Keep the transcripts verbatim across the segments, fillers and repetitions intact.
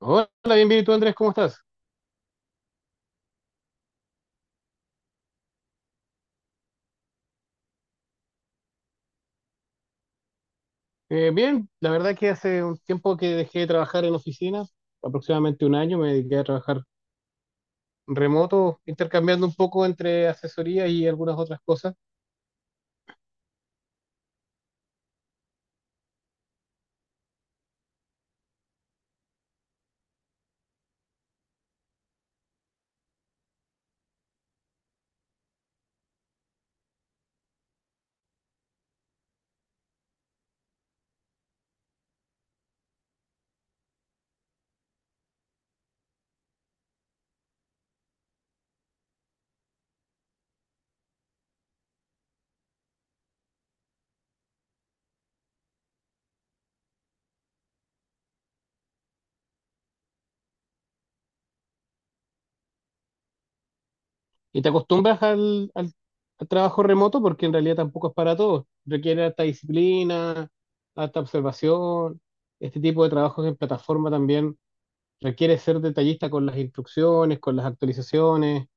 Hola, ¿bienvenido tú, Andrés? ¿Cómo estás? Eh, bien, la verdad que hace un tiempo que dejé de trabajar en oficinas, aproximadamente un año, me dediqué a trabajar remoto, intercambiando un poco entre asesoría y algunas otras cosas. Y te acostumbras al, al- al trabajo remoto porque en realidad tampoco es para todos. Requiere alta disciplina, alta observación. Este tipo de trabajos en plataforma también requiere ser detallista con las instrucciones, con las actualizaciones.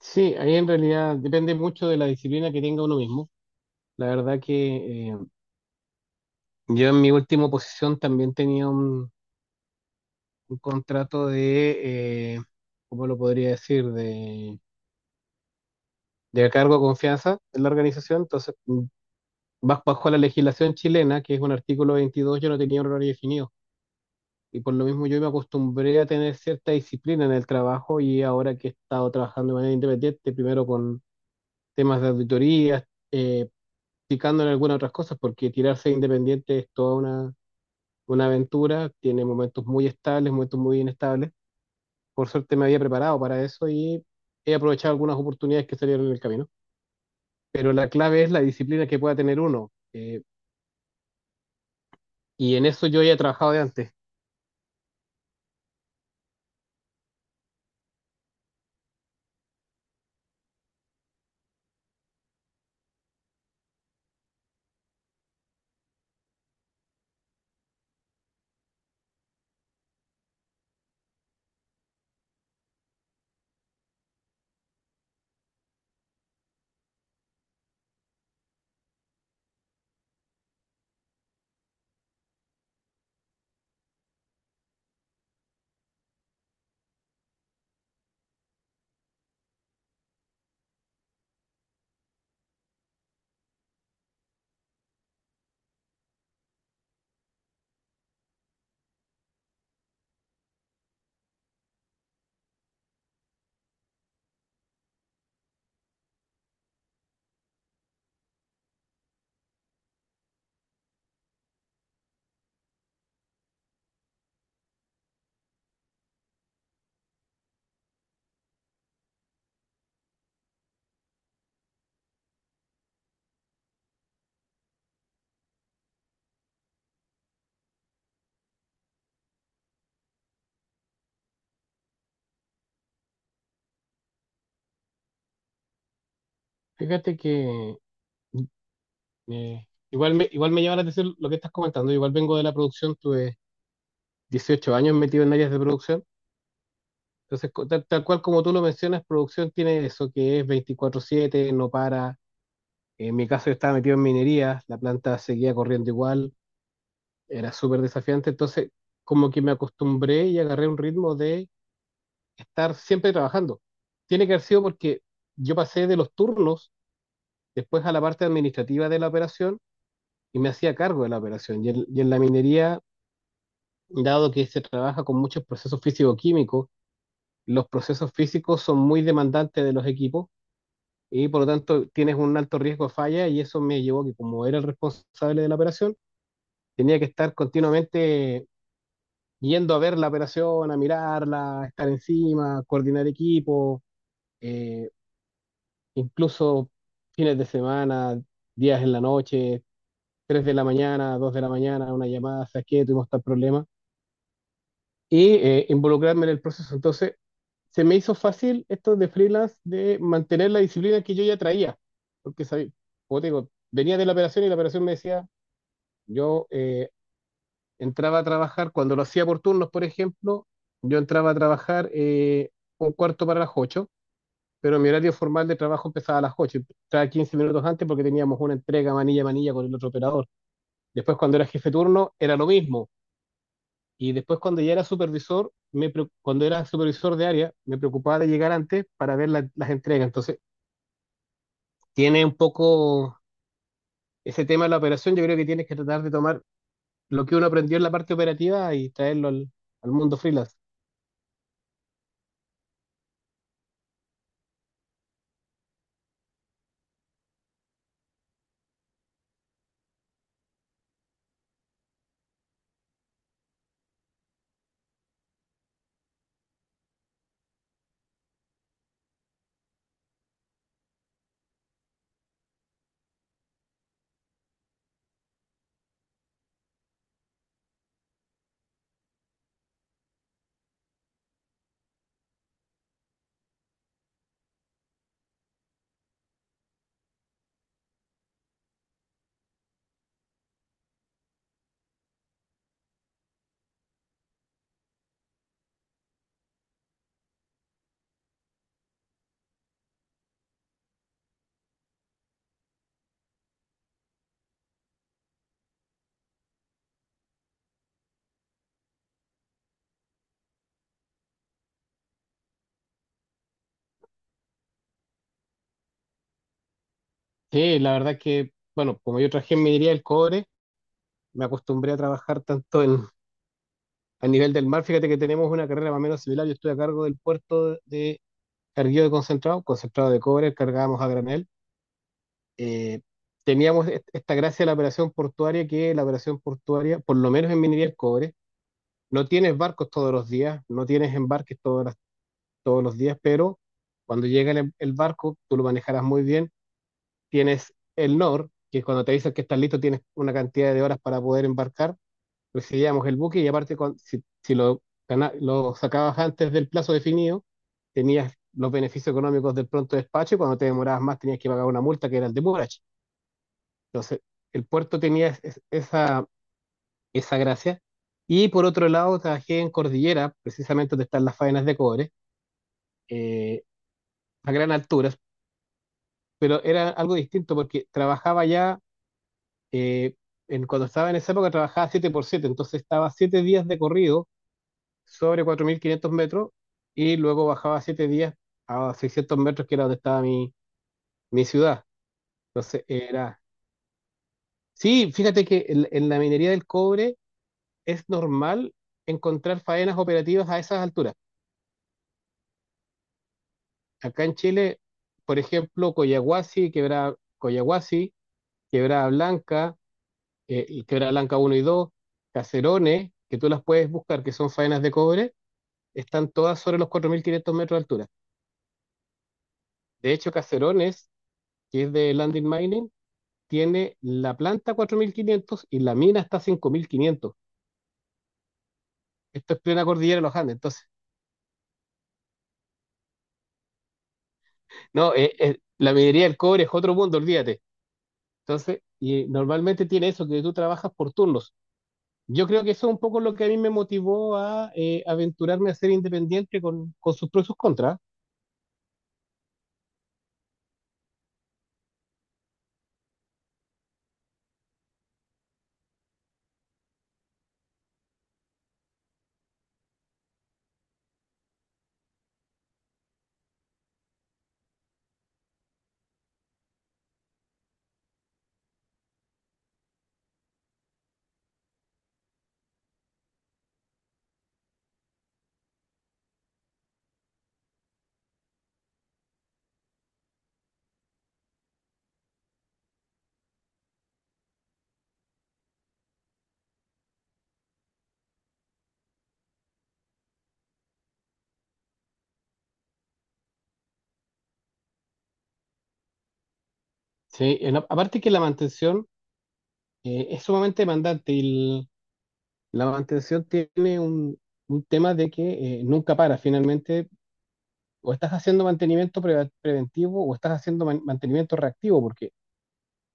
Sí, ahí en realidad depende mucho de la disciplina que tenga uno mismo. La verdad que eh, yo en mi última posición también tenía un, un contrato de, eh, ¿cómo lo podría decir? De, de cargo de confianza en la organización. Entonces, mm, baj- bajo la legislación chilena, que es un artículo veintidós, yo no tenía un horario definido. Y por lo mismo yo me acostumbré a tener cierta disciplina en el trabajo y ahora que he estado trabajando de manera independiente, primero con temas de auditorías, eh, picando en algunas otras cosas, porque tirarse independiente es toda una una aventura, tiene momentos muy estables, momentos muy inestables. Por suerte me había preparado para eso y he aprovechado algunas oportunidades que salieron en el camino. Pero la clave es la disciplina que pueda tener uno. eh, y en eso yo ya he trabajado de antes. Fíjate que eh, igual me, igual me llama la atención lo que estás comentando. Igual vengo de la producción, tuve dieciocho años metido en áreas de producción. Entonces, co- tal, tal cual como tú lo mencionas, producción tiene eso que es veinticuatro siete no para. En mi caso yo estaba metido en minería, la planta seguía corriendo igual. Era súper desafiante, entonces como que me acostumbré y agarré un ritmo de estar siempre trabajando. Tiene que haber sido porque yo pasé de los turnos después a la parte administrativa de la operación y me hacía cargo de la operación. Y en, y en la minería, dado que se trabaja con muchos procesos físico-químicos, los procesos físicos son muy demandantes de los equipos y por lo tanto tienes un alto riesgo de falla y eso me llevó a que como era el responsable de la operación, tenía que estar continuamente yendo a ver la operación, a mirarla, a estar encima, coordinar equipo, eh, incluso fines de semana, días en la noche, tres de la mañana, dos de la mañana, una llamada, ¿sabes qué? Tuvimos tal problema, y eh, involucrarme en el proceso. Entonces, se me hizo fácil esto de freelance, de mantener la disciplina que yo ya traía, porque sabía, como te digo, venía de la operación y la operación me decía, yo eh, entraba a trabajar, cuando lo hacía por turnos, por ejemplo, yo entraba a trabajar eh, un cuarto para las ocho, pero mi horario formal de trabajo empezaba a las ocho, entraba quince minutos antes porque teníamos una entrega manilla a manilla con el otro operador. Después cuando era jefe de turno era lo mismo. Y después cuando ya era supervisor, me pre- cuando era supervisor de área, me preocupaba de llegar antes para ver la- las entregas. Entonces, tiene un poco ese tema de la operación, yo creo que tienes que tratar de tomar lo que uno aprendió en la parte operativa y traerlo al, al mundo freelance. Sí, la verdad que, bueno, como yo traje en minería el cobre, me acostumbré a trabajar tanto en, a nivel del mar. Fíjate que tenemos una carrera más o menos similar. Yo estoy a cargo del puerto de carguillo de concentrado, concentrado de cobre, cargábamos a granel. Eh, teníamos est- esta gracia de la operación portuaria, que la operación portuaria, por lo menos en minería del cobre, no tienes barcos todos los días, no tienes embarques todas las- todos los días, pero cuando llega el, el barco, tú lo manejarás muy bien, tienes el N O R, que cuando te dicen que estás listo tienes una cantidad de horas para poder embarcar, recibíamos el buque y aparte con- si, si lo, gana- lo sacabas antes del plazo definido, tenías los beneficios económicos del pronto despacho y cuando te demorabas más tenías que pagar una multa que era el demurrage. Entonces, el puerto tenía es- es- esa, esa gracia. Y por otro lado, trabajé en Cordillera, precisamente donde están las faenas de cobre, eh, a gran alturas, pero era algo distinto porque trabajaba ya, eh, en, cuando estaba en esa época trabajaba siete por siete, entonces estaba siete días de corrido sobre cuatro mil quinientos metros y luego bajaba siete días a seiscientos metros, que era donde estaba mi, mi ciudad. Entonces era. Sí, fíjate que en, en la minería del cobre es normal encontrar faenas operativas a esas alturas. Acá en Chile, por ejemplo, Collahuasi, Quebrada, Collahuasi, Quebrada Blanca, eh, y Quebrada Blanca uno y dos, Caserones, que tú las puedes buscar, que son faenas de cobre, están todas sobre los cuatro mil quinientos metros de altura. De hecho, Caserones, que es de Landing Mining, tiene la planta cuatro mil quinientos y la mina está a cinco mil quinientos. Esto es plena cordillera de los Andes. Entonces, no, eh, eh, la minería del cobre es otro mundo, olvídate. Entonces, y normalmente tiene eso, que tú trabajas por turnos. Yo creo que eso es un poco lo que a mí me motivó a eh, aventurarme a ser independiente con, con, sus pros y sus contras. Sí, en- aparte que la mantención eh, es sumamente demandante y la mantención tiene un, un tema de que eh, nunca para. Finalmente, o estás haciendo mantenimiento pre- preventivo o estás haciendo man- mantenimiento reactivo, porque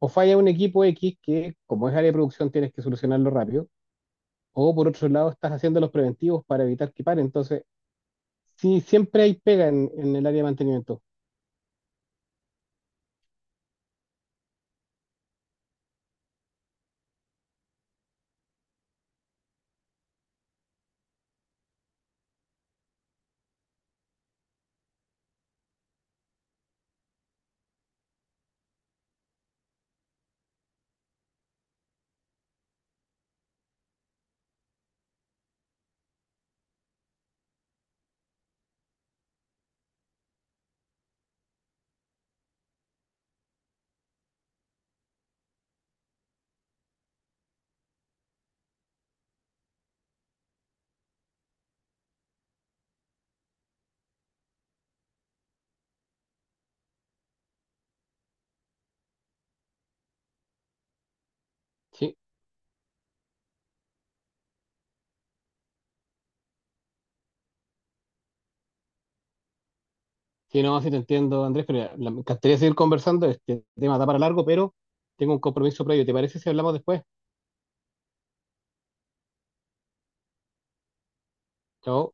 o falla un equipo X que, como es área de producción, tienes que solucionarlo rápido, o por otro lado, estás haciendo los preventivos para evitar que pare. Entonces, sí, siempre hay pega en, en el área de mantenimiento. Sí, sí, no, sí te entiendo, Andrés, pero ya, la- me encantaría seguir conversando. Este tema da para largo, pero tengo un compromiso previo. ¿Te parece si hablamos después? Chao.